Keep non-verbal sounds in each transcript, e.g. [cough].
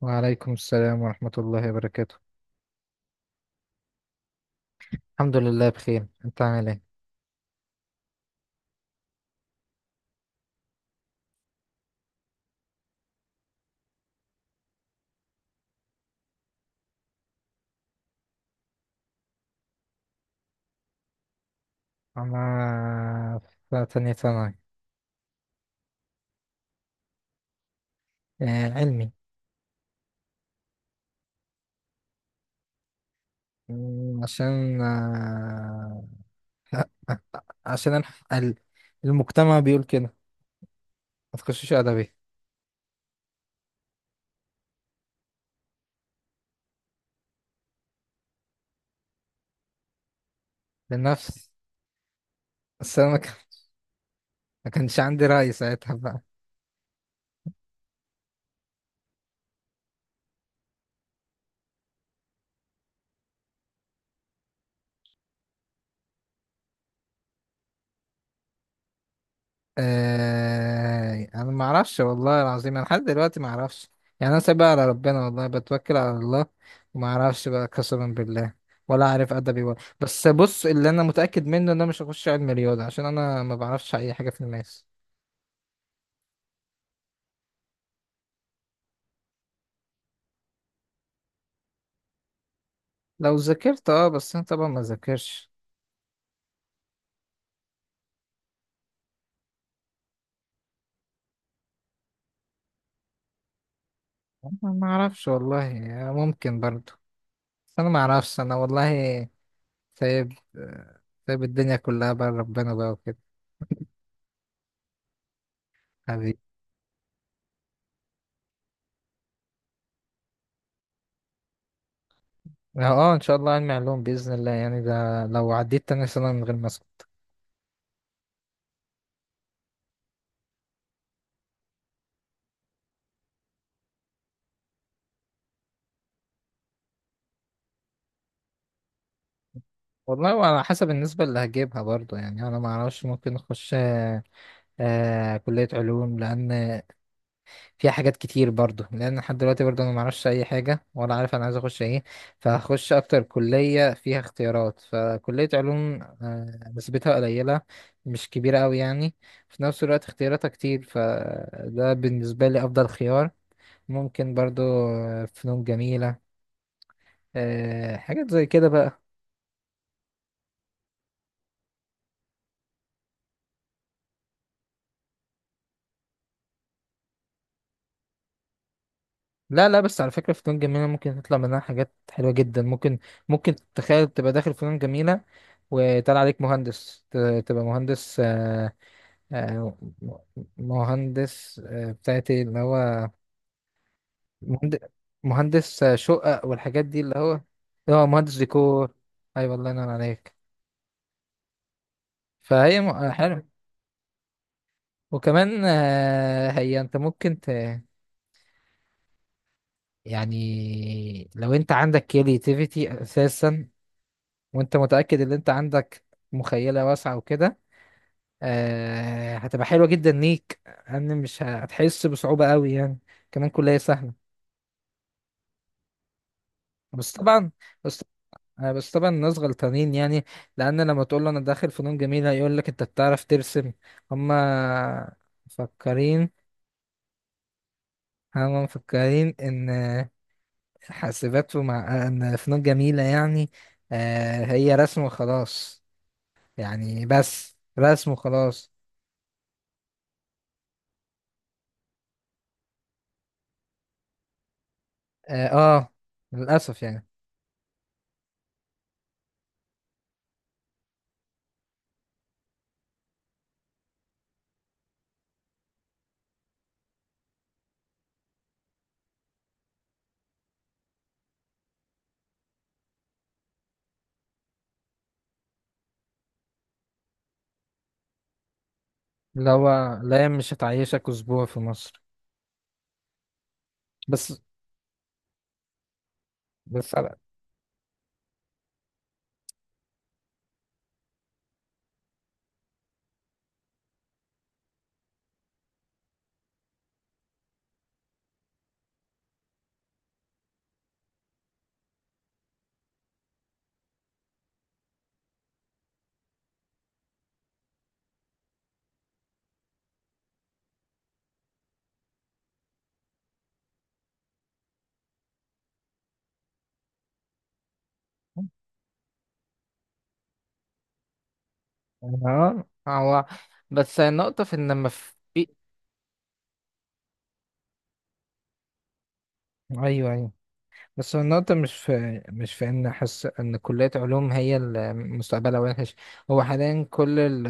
وعليكم السلام ورحمة الله وبركاته. الحمد لله بخير، انت عامل ايه؟ انا في تانية ثانوي. آه، علمي. عشان [laughs] عشان الح- ال- المجتمع بيقول كده، ما تخشوش ادبي. لنفس، بس انا ما كان- ما كانش عندي رأي ساعتها. آه، انا ما اعرفش والله العظيم، انا لحد دلوقتي ما اعرفش يعني. انا سايبها على ربنا والله، بتوكل على الله وما اعرفش بقى قسما بالله، ولا عارف ادبي ولا. بس بص، اللي انا متاكد منه ان انا مش هخش علم رياضه عشان انا ما بعرفش اي حاجه في الماس. لو ذاكرت اه، بس انا طبعا ما ذاكرش. أنا ما اعرفش والله، يعني ممكن برضو، بس انا ما اعرفش انا والله. سايب سايب الدنيا كلها بقى ربنا بقى وكده. حبيبي. اه، ان شاء الله علمي علوم باذن الله، يعني ده لو عديت تاني سنه من غير ماسك. والله، وعلى حسب النسبه اللي هجيبها برضو، يعني انا ما اعرفش. ممكن اخش كليه علوم، لان فيها حاجات كتير برضو، لان لحد دلوقتي برضو انا ما اعرفش اي حاجه، ولا عارف انا عايز اخش ايه. فهخش اكتر كليه فيها اختيارات، فكليه علوم آه نسبتها قليله، مش كبيره قوي يعني، في نفس الوقت اختياراتها كتير، فده بالنسبه لي افضل خيار. ممكن برضو فنون جميله، آه حاجات زي كده بقى. لا لا، بس على فكرة فنون جميلة ممكن تطلع منها حاجات حلوة جدا. ممكن ممكن تتخيل تبقى داخل فنون جميلة وطلع عليك مهندس ت- تبقى مهندس آه مهندس بتاعتي اللي هو مهندس، شقق والحاجات دي، اللي هو هو مهندس ديكور. ايوه، الله ينور عليك. فهي م- آه، حلو. وكمان آه هي انت ممكن ت يعني لو انت عندك كرياتيفيتي اساسا، وانت متأكد ان انت عندك مخيلة واسعة وكده، آه هتبقى حلوة جدا ليك، ان مش هتحس بصعوبة قوي يعني. كمان كلية سهلة. بس طبعا، بس بس طبعا الناس غلطانين يعني، لان لما تقول له انا داخل فنون جميلة يقول لك انت بتعرف ترسم. هما مفكرين هما مفكرين ان حاسبات، ومع ان فنون جميلة يعني آه هي رسم وخلاص، يعني بس رسم وخلاص. اه، للأسف يعني. اللي هو لا، مش هتعيشك اسبوع في مصر. بس بس اه هو، بس النقطة في ان ما في. ايوه، ايوه، بس هو النقطة مش في ان احس ان كلية علوم هي اللي مستقبلها وحش. هو حاليا كل ال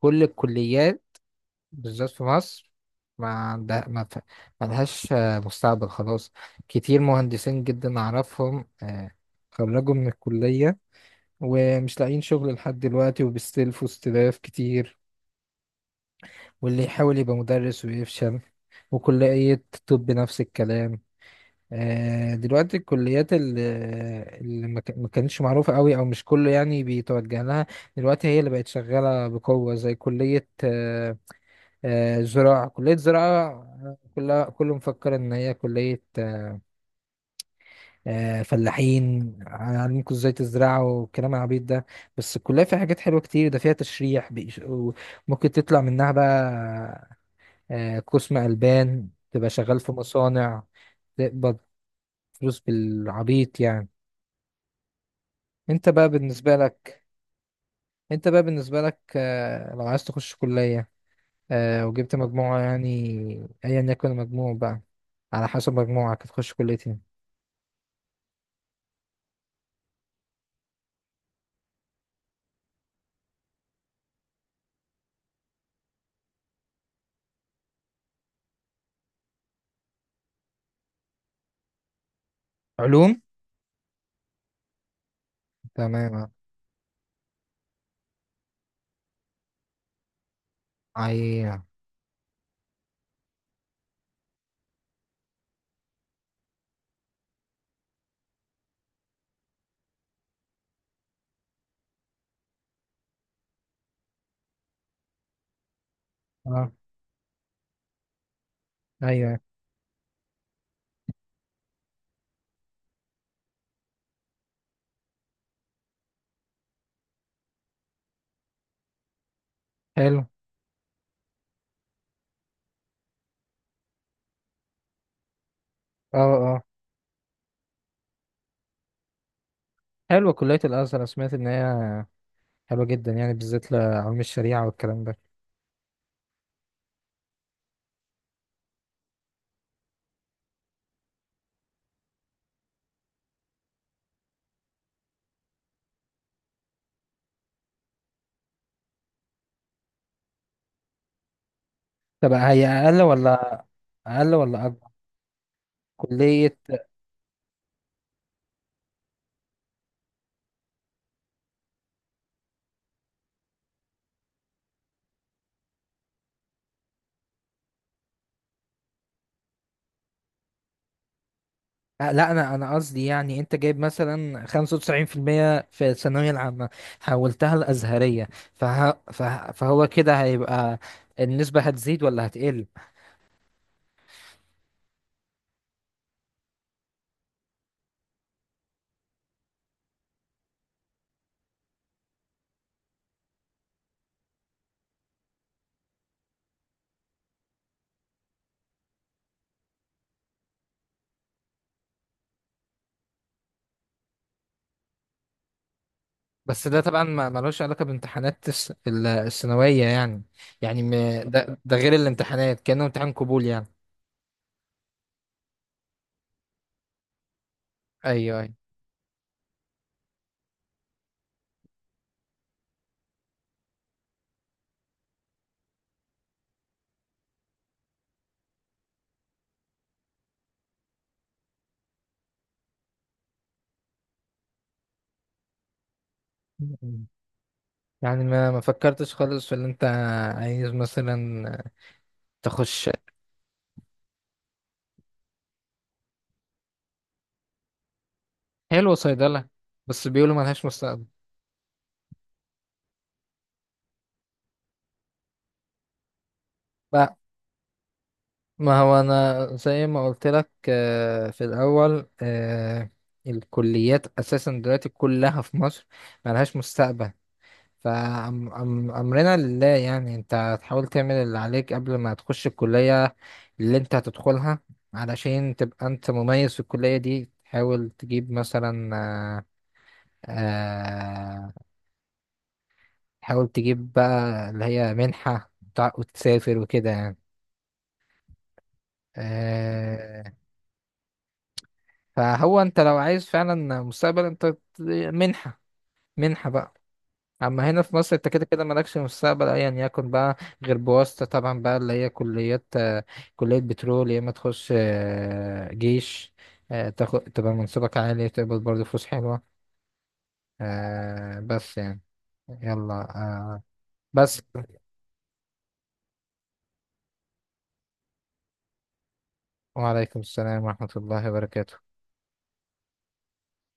كل الكليات بالذات في مصر ما عندها ما ف- ما لهاش مستقبل خلاص. كتير مهندسين جدا اعرفهم، خرجوا من الكلية ومش لاقيين شغل لحد دلوقتي، وبيستلفوا استلاف كتير، واللي يحاول يبقى مدرس ويفشل. وكلية طب نفس الكلام. آه، دلوقتي الكليات اللي ما كانتش معروفة قوي أو مش كله يعني بيتوجه لها، دلوقتي هي اللي بقت شغالة بقوة، زي كلية زراعة. كلية زراعة، آه، كلها كله مفكر إن هي كلية فلاحين، هنعلمكم ازاي تزرعوا والكلام العبيط ده. بس الكلية فيها حاجات حلوة كتير، ده فيها تشريح وممكن تطلع منها بقى قسم ألبان تبقى شغال في مصانع، تقبض فلوس بالعبيط يعني. انت بقى بالنسبة لك انت بقى بالنسبة لك لو عايز تخش كلية وجبت مجموعة يعني، ايا يكن المجموع بقى، على حسب مجموعك هتخش كلية ايه. علوم. تمام. ايوه. اه. ايوه. حلو. اه. اه. حلوة كلية الأزهر، أنا سمعت إن هي حلوة جدا، يعني بالذات لعلم الشريعة والكلام ده. طب هي أقل ولا أقل ولا أكبر كلية؟ أه، لا، أنا قصدي يعني أنت جايب مثلا 95% في المية في الثانوية العامة، حولتها الأزهرية، فهو كده هيبقى النسبة هتزيد ولا هتقل. بس ده طبعا ما ملوش علاقة بامتحانات الثانوية يعني، يعني م... ده ده غير الامتحانات، كأنه امتحان قبول يعني. أيوه، أيوه. يعني ما ما فكرتش خالص في اللي انت عايز مثلا تخش. حلو، صيدلة. بس بيقولوا ملهاش مستقبل. لا، ما هو انا زي ما قلت لك في الاول، آه، الكليات اساسا دلوقتي كلها في مصر ملهاش مستقبل. فأمرنا لله يعني، انت هتحاول تعمل اللي عليك قبل ما تخش الكلية اللي انت هتدخلها، علشان تبقى انت مميز في الكلية دي. تحاول تجيب مثلا آه، آه، حاول تجيب بقى اللي هي منحة، وتسافر وكده يعني، آه. فهو انت لو عايز فعلا مستقبل، منحة، منحة بقى. اما هنا في مصر انت كده كده مالكش مستقبل ايا يكن بقى، غير بواسطة طبعا بقى، اللي هي كليات، كلية بترول، يا اما تخش جيش، تاخد تبقى منصبك عالي، تقبض برضه فلوس حلوة. بس يعني يلا بس. وعليكم السلام ورحمة الله وبركاته.